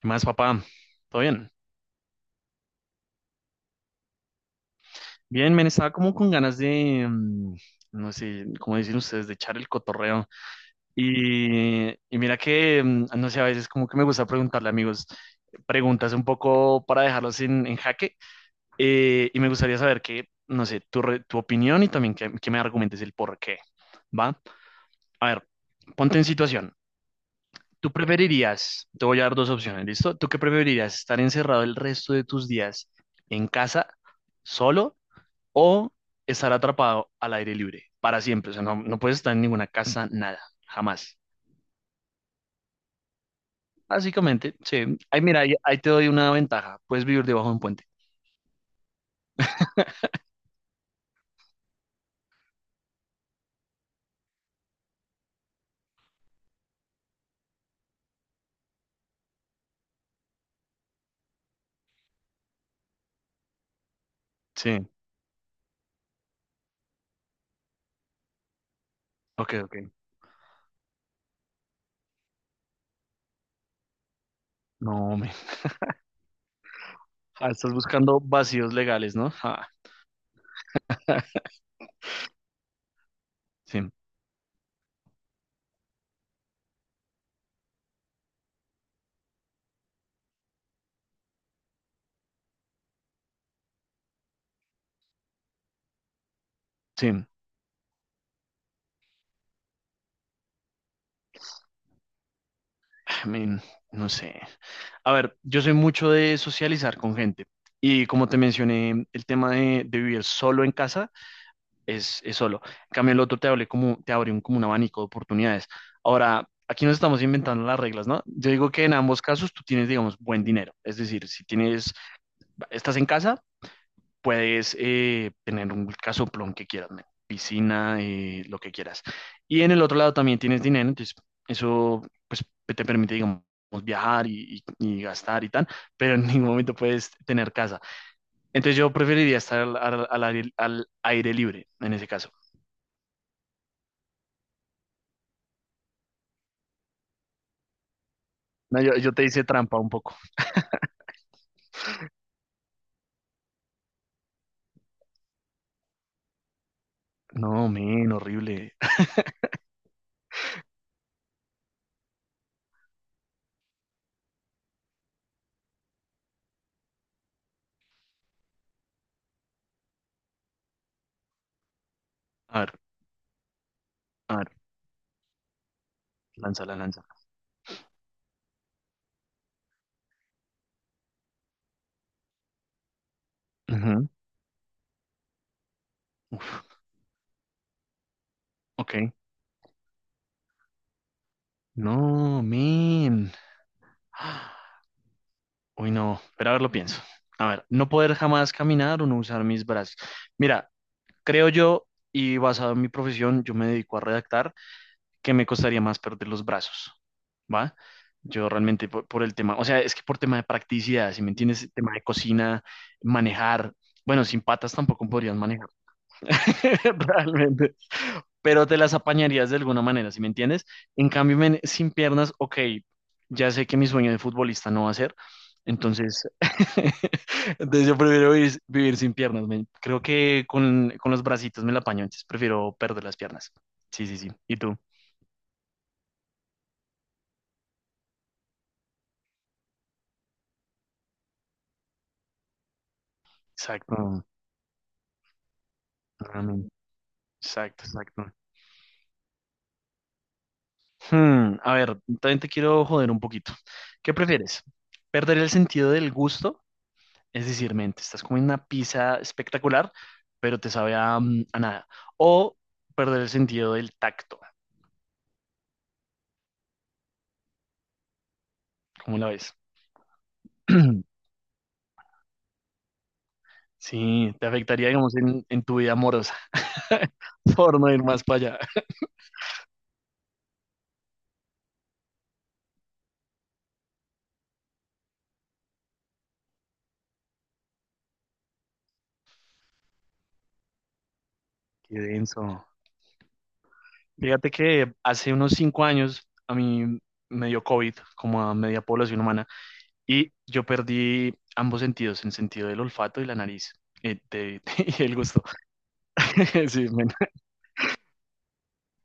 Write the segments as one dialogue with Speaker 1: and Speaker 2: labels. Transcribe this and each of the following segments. Speaker 1: ¿Qué más, papá? ¿Todo bien? Bien, men, estaba como con ganas de, no sé, como dicen ustedes, de echar el cotorreo. Y mira que, no sé, a veces como que me gusta preguntarle, a amigos, preguntas un poco para dejarlos en jaque. Y me gustaría saber que, no sé, tu opinión y también que me argumentes el por qué, ¿va? A ver, ponte en situación. ¿Tú preferirías? Te voy a dar dos opciones, ¿listo? ¿Tú qué preferirías? ¿Estar encerrado el resto de tus días en casa, solo, o estar atrapado al aire libre para siempre? O sea, no, no puedes estar en ninguna casa, nada, jamás. Básicamente, sí. Ay, mira, ahí te doy una ventaja. Puedes vivir debajo de un puente. Sí. Ok, ok. No, me. Ah, estás buscando vacíos legales, ¿no? Ah, sí, sí. I mean, no sé. A ver, yo soy mucho de socializar con gente. Y como te mencioné, el tema de vivir solo en casa es solo. En cambio, el otro te abre como, te abre un, como un abanico de oportunidades. Ahora, aquí nos estamos inventando las reglas, ¿no? Yo digo que en ambos casos tú tienes, digamos, buen dinero. Es decir, si tienes, estás en casa, puedes tener un casoplón que quieras, ¿no? Piscina, lo que quieras. Y en el otro lado también tienes dinero, entonces eso pues te permite, digamos, viajar y, y gastar y tal, pero en ningún momento puedes tener casa. Entonces yo preferiría estar al aire al aire libre en ese caso. No, yo te hice trampa un poco. No, men, horrible. A ver, a ver, lánzala, lánzala. Ujú, uf, ok. No, men. Ah, uy, no. Pero a ver, lo pienso. A ver, no poder jamás caminar o no usar mis brazos. Mira, creo yo, y basado en mi profesión, yo me dedico a redactar, que me costaría más perder los brazos. ¿Va? Yo realmente por el tema, o sea, es que por tema de practicidad, si me entiendes, tema de cocina, manejar. Bueno, sin patas tampoco podrías manejar. Realmente. Pero te las apañarías de alguna manera, ¿si me entiendes? En cambio, men, sin piernas, ok, ya sé que mi sueño de futbolista no va a ser. Entonces, entonces yo prefiero vivir, vivir sin piernas, men. Creo que con los bracitos me la apaño, entonces prefiero perder las piernas. Sí, sí, sí. ¿Y tú? Exacto. Ah, exacto, exacto. Hmm, a ver, también te quiero joder un poquito. ¿Qué prefieres? ¿Perder el sentido del gusto? Es decir, men, te estás comiendo una pizza espectacular, pero te sabe a, a nada. O perder el sentido del tacto, ¿cómo la ves? Sí, te afectaría, digamos, en tu vida amorosa, por no ir más para allá. Qué denso. Fíjate que hace unos 5 años a mí me dio COVID, como a media población humana, y yo perdí ambos sentidos, el sentido del olfato y la nariz, eh, de- y el gusto. Sí, men.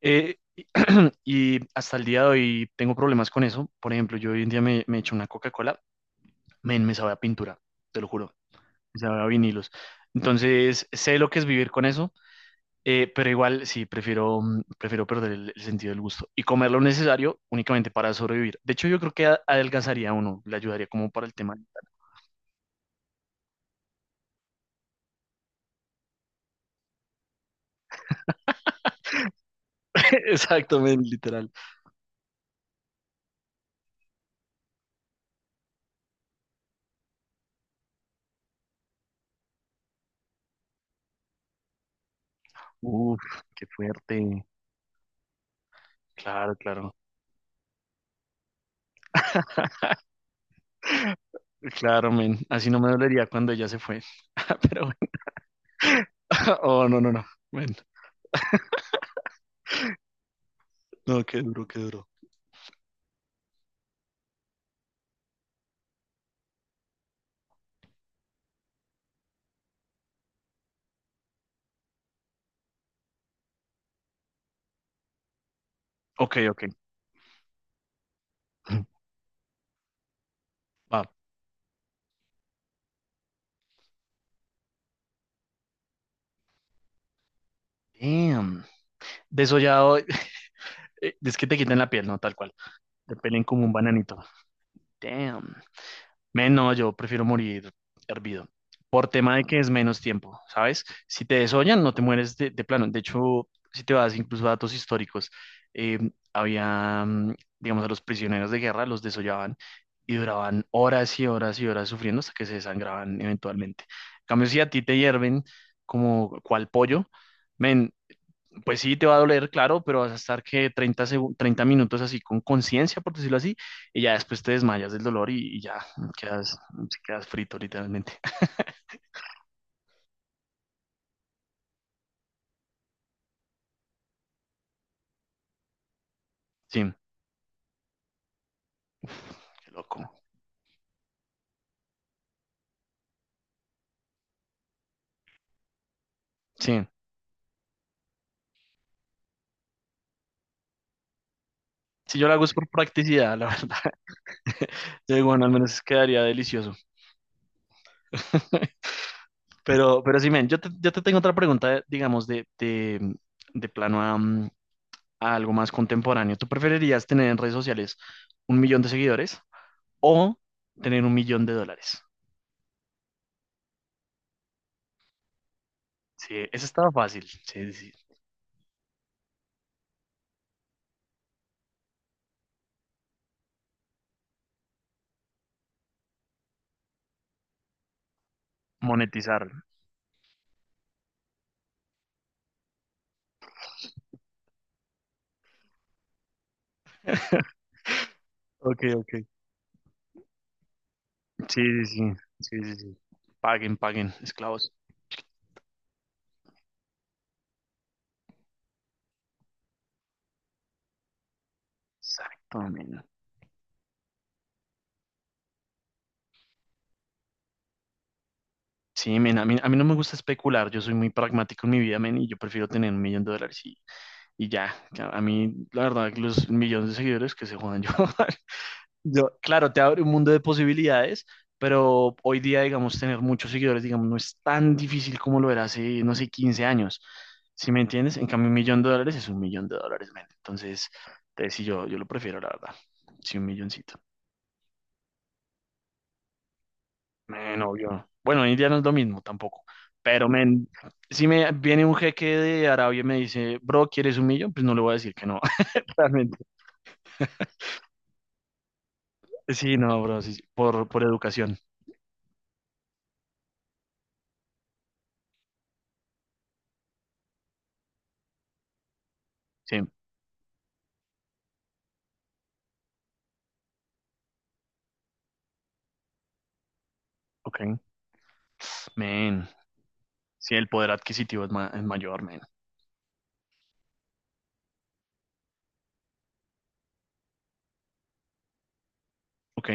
Speaker 1: Eh, y hasta el día de hoy tengo problemas con eso. Por ejemplo, yo hoy en día me echo una Coca-Cola, men, me sabe a pintura, te lo juro, me sabe a vinilos. Entonces, sé lo que es vivir con eso, pero igual sí, prefiero, prefiero perder el sentido del gusto y comer lo necesario únicamente para sobrevivir. De hecho, yo creo que adelgazaría a uno, le ayudaría como para el tema. Exactamente, literal. Uf, qué fuerte. Claro, claro. Claro, men. Así no me dolería cuando ella se fue. Pero oh, no, no, no. Bueno, no, qué duro, qué duro. Ok, ok. Va. Damn. Desollado. Es que te quitan la piel, no, tal cual. Te pelen como un bananito. Damn. Men, no, yo prefiero morir hervido. Por tema de que es menos tiempo, ¿sabes? Si te desollan, no te mueres de plano. De hecho, si te vas incluso a datos históricos, eh, había, digamos, a los prisioneros de guerra, los desollaban y duraban horas y horas y horas sufriendo hasta que se desangraban eventualmente. En cambio, si a ti te hierven como cual pollo, men, pues sí, te va a doler, claro, pero vas a estar que 30 minutos así con conciencia, por decirlo así, y ya después te desmayas del dolor y ya quedas, quedas frito literalmente. Sí, uf, qué loco. Sí, si yo lo hago es por practicidad, la verdad. Yo digo, bueno, al menos quedaría delicioso. Pero sí, men, yo te tengo otra pregunta, digamos, de plano a algo más contemporáneo. ¿Tú preferirías tener en redes sociales un millón de seguidores o tener un millón de dólares? Sí, eso estaba fácil. Sí, sí, sí. Monetizarlo. Ok, ok. Sí, sí, sí. Sí, sí, sí. Paguen, paguen, esclavos. Exacto, men. Sí, men, a mí no me gusta especular. Yo soy muy pragmático en mi vida, men, y yo prefiero tener un millón de dólares y ya. Ya, a mí, la verdad, los millones de seguidores que se jodan yo. Yo, claro, te abre un mundo de posibilidades, pero hoy día, digamos, tener muchos seguidores, digamos, no es tan difícil como lo era hace, no sé, 15 años. ¿Sí me entiendes? En cambio, un millón de dólares es un millón de dólares, men. Entonces, te sí, yo lo prefiero, la verdad. Sí, un milloncito. Men, obvio. Bueno, hoy en día no es lo mismo tampoco. Pero, men, si me viene un jeque de Arabia y me dice, bro, ¿quieres un millón? Pues no le voy a decir que no. Realmente. Sí, no, bro, sí, sí, por educación. Sí, ok. Men. Sí, el poder adquisitivo es, es mayor, man. Ok,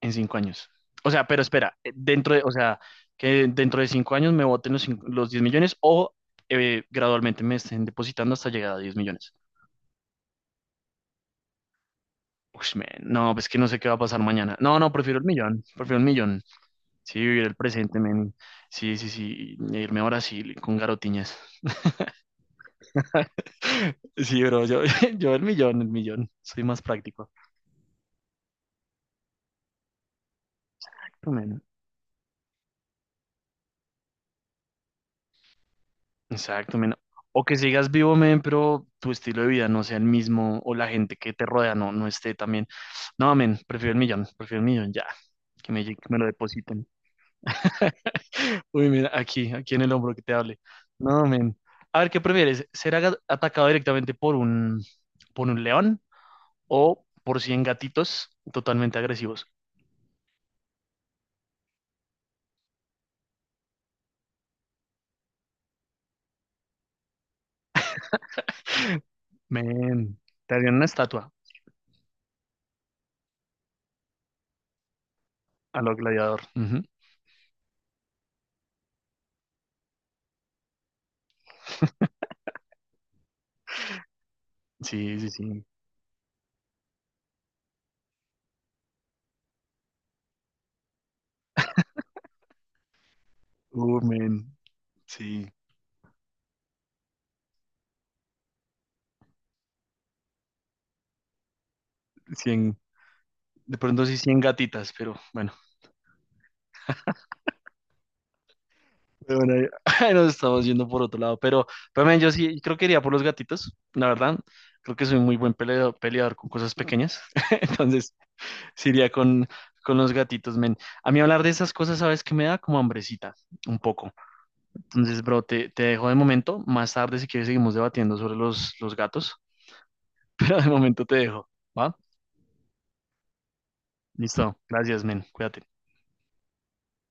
Speaker 1: en 5 años. O sea, pero espera, dentro de, o sea, que dentro de 5 años me voten los 10 millones o gradualmente me estén depositando hasta llegar a 10 millones. Ush, man, no, pues que no sé qué va a pasar mañana. No, no, prefiero el millón, prefiero el millón. Sí, vivir el presente, man. Sí, sí, sí, y irme a Brasil con garotiñas. Sí, bro, yo el millón, el millón. Soy más práctico. Tú, man. Exacto, men. O que sigas vivo, men, pero tu estilo de vida no sea el mismo o la gente que te rodea no, no esté también. No, men, prefiero el millón, ya. Que me lo depositen. Uy, mira, aquí en el hombro que te hable. No, men. A ver, ¿qué prefieres? ¿Ser atacado directamente por un león o por cien gatitos totalmente agresivos? Men, te harían una estatua a lo gladiador. Ujú. Sí, sí, sí. Men, sí. 100, de pronto sí 100 gatitas, pero bueno, ahí nos estamos yendo por otro lado. Pero men, yo sí creo que iría por los gatitos, la verdad. Creo que soy muy buen peleador, peleador con cosas pequeñas. Entonces, sí iría con los gatitos, men. A mí hablar de esas cosas, ¿sabes que me da? Como hambrecita, un poco. Entonces, bro, te dejo de momento. Más tarde, si quieres, seguimos debatiendo sobre los gatos. Pero de momento te dejo, ¿va? Listo. Gracias, men. Cuídate.